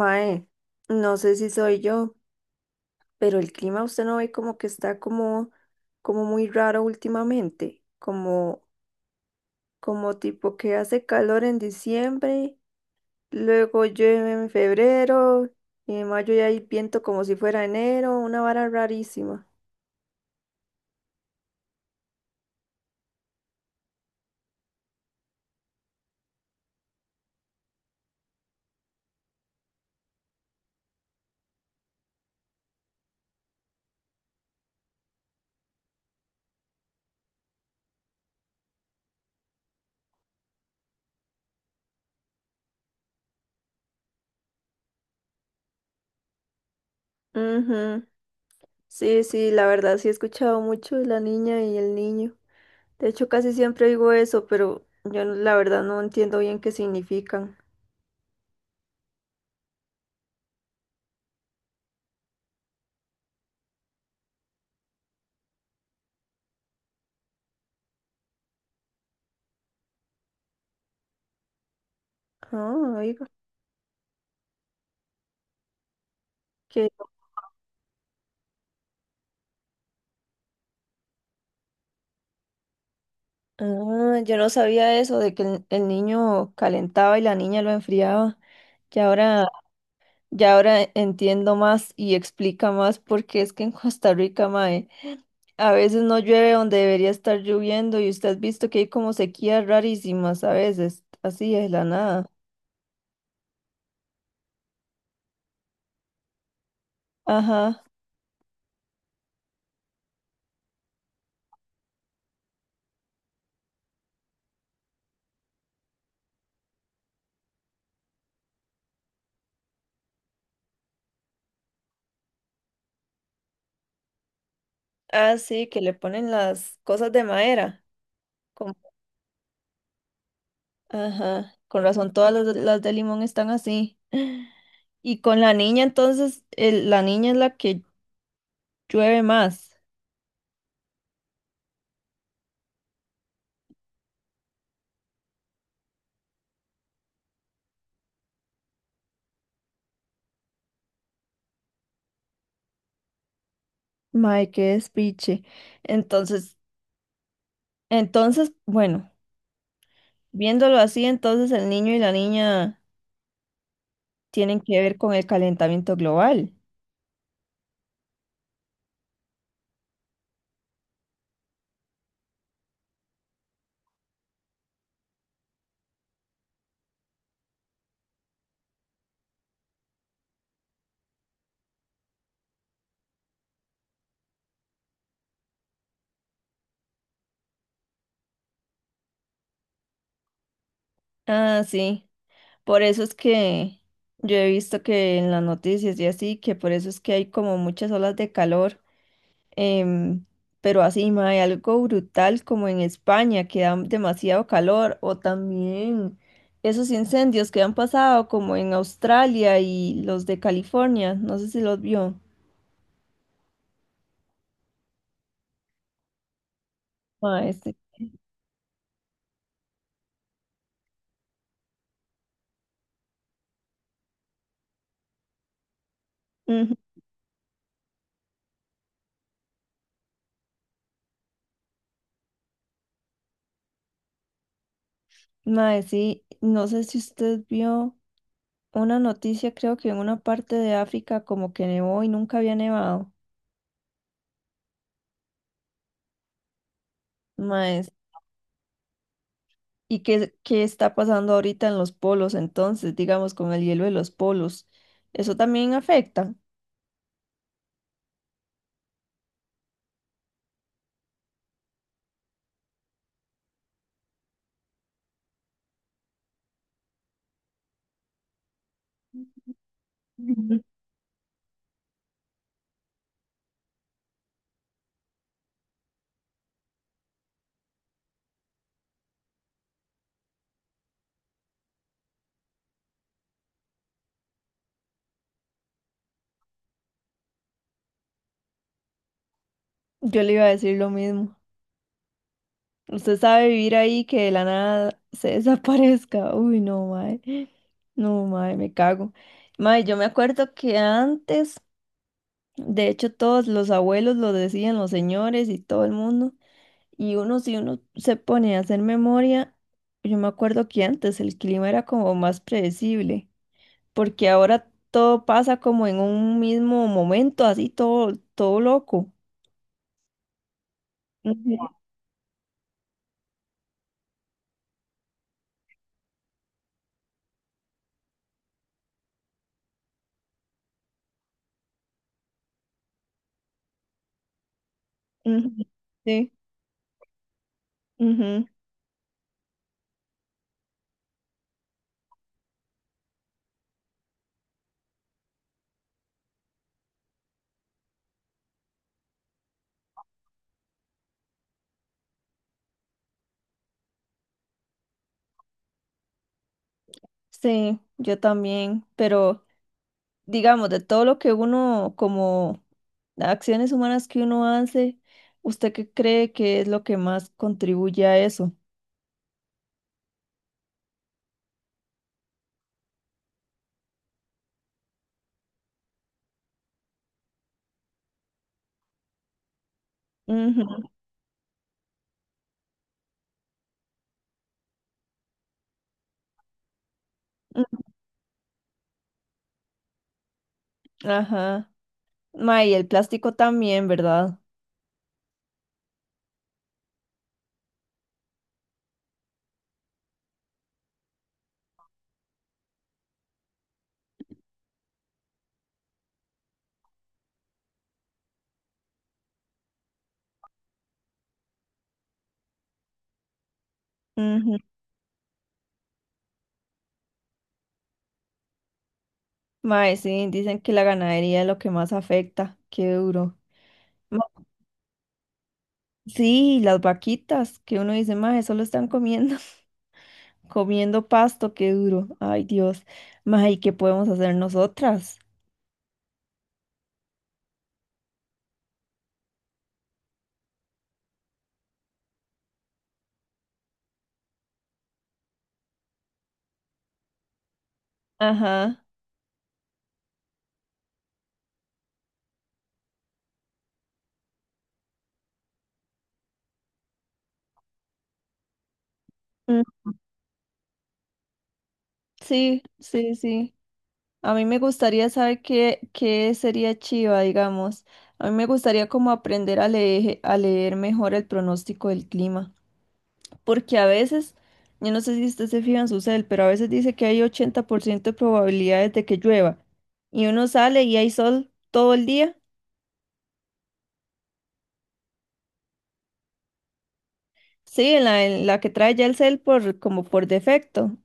Mae, no sé si soy yo, pero el clima usted no ve como que está como muy raro últimamente, como tipo que hace calor en diciembre, luego llueve en febrero, y en mayo ya hay viento como si fuera enero, una vara rarísima. Ujú. Sí, sí, la verdad sí he escuchado mucho de la niña y el niño. De hecho, casi siempre digo eso, pero yo la verdad no entiendo bien qué significan. Ah, oiga. Ah, yo no sabía eso de que el niño calentaba y la niña lo enfriaba. Ya ahora, ya ahora entiendo más y explica más porque es que en Costa Rica, mae, a veces no llueve donde debería estar lloviendo y usted ha visto que hay como sequías rarísimas a veces, así es la nada. Ajá. Ah, sí, que le ponen las cosas de madera. como- Ajá. Con razón todas las de limón están así. Y con la niña entonces, la niña es la que llueve más. Mae, qué despiche. Entonces, bueno, viéndolo así, entonces el niño y la niña tienen que ver con el calentamiento global. Ah, sí. Por eso es que yo he visto que en las noticias y así, que por eso es que hay como muchas olas de calor. em, pero así, mae, algo brutal como en España, que da demasiado calor, o también esos incendios que han pasado como en Australia y los de California, no sé si los vio. Mae, sí. Ujú. Mae, sí, no sé si usted vio una noticia, creo que en una parte de África como que nevó y nunca había nevado. Mae, s- ¿Y qué, qué está pasando ahorita en los polos entonces, digamos, con el hielo de los polos? ¿Eso también afecta? Ujú. Yo le iba a decir lo mismo. Usted sabe vivir ahí que de la nada se desaparezca. Uy, no, mae. No, mae, me cago. Mae, yo me acuerdo que antes. De hecho, todos los abuelos lo decían, los señores y todo el mundo. Y uno, si uno se pone a hacer memoria, yo me acuerdo que antes el clima era como más predecible, porque ahora todo pasa como en un mismo momento, así todo, todo loco. Ujú, ujú. Sí, ujú, sí, yo también. Pero digamos, de todo lo que uno, como acciones humanas que uno hace, ¿usted qué cree que es lo que más contribuye a eso? Ujú, ujú. Ajá. Mae, y el plástico también, ¿verdad? Ujú. Mae, sí, dicen que la ganadería es lo que más afecta. Qué duro. Ma- Sí, las vaquitas, que uno dice, mae, solo están comiendo, comiendo pasto, qué duro. Ay, Dios. Mae, ¿y qué podemos hacer nosotras? Ajá. Mm. Sí, sí, sí. A mí me gustaría saber qué, qué sería chiva, digamos. A mí me gustaría como aprender a leer mejor el pronóstico del clima. Porque a veces, yo no sé si usted se fija en su cel, pero a veces dice que hay 80% de probabilidades de que llueva. Y uno sale y hay sol todo el día. Sí, en la que trae ya el cel por, como por defecto.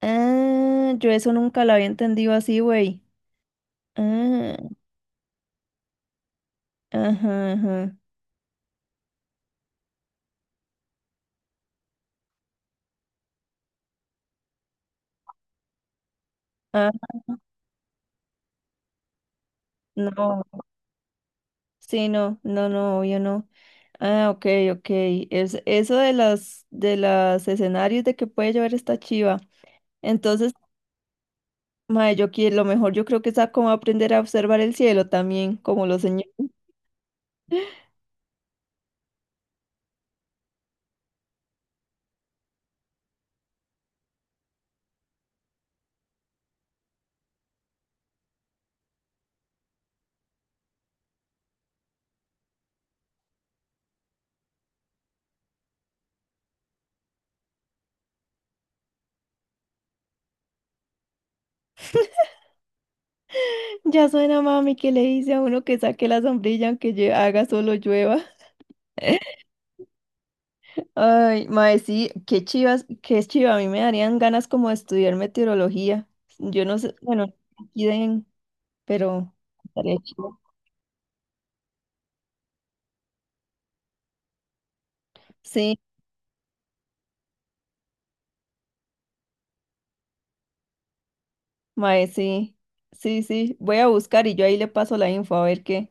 Ah, yo eso nunca lo había entendido así, güey. Ah, ajá, ajá. Ah, no. Sí, no, no, no, yo no. Ah, ok, ok. Es, eso de las, de los escenarios de que puede llover esta chiva. Entonces, mae, yo quiero, lo mejor yo creo que es como aprender a observar el cielo también, como los señores. Ya suena mami que le dice a uno que saque la sombrilla aunque haga solo llueva. Ay, mae, sí, qué chivas, qué chiva, a mí me darían ganas como de estudiar meteorología. Yo no sé, bueno, aquí den, pero estaría chido. Sí, mae, sí, sí, sí, voy a buscar y yo ahí le paso la info a ver qué.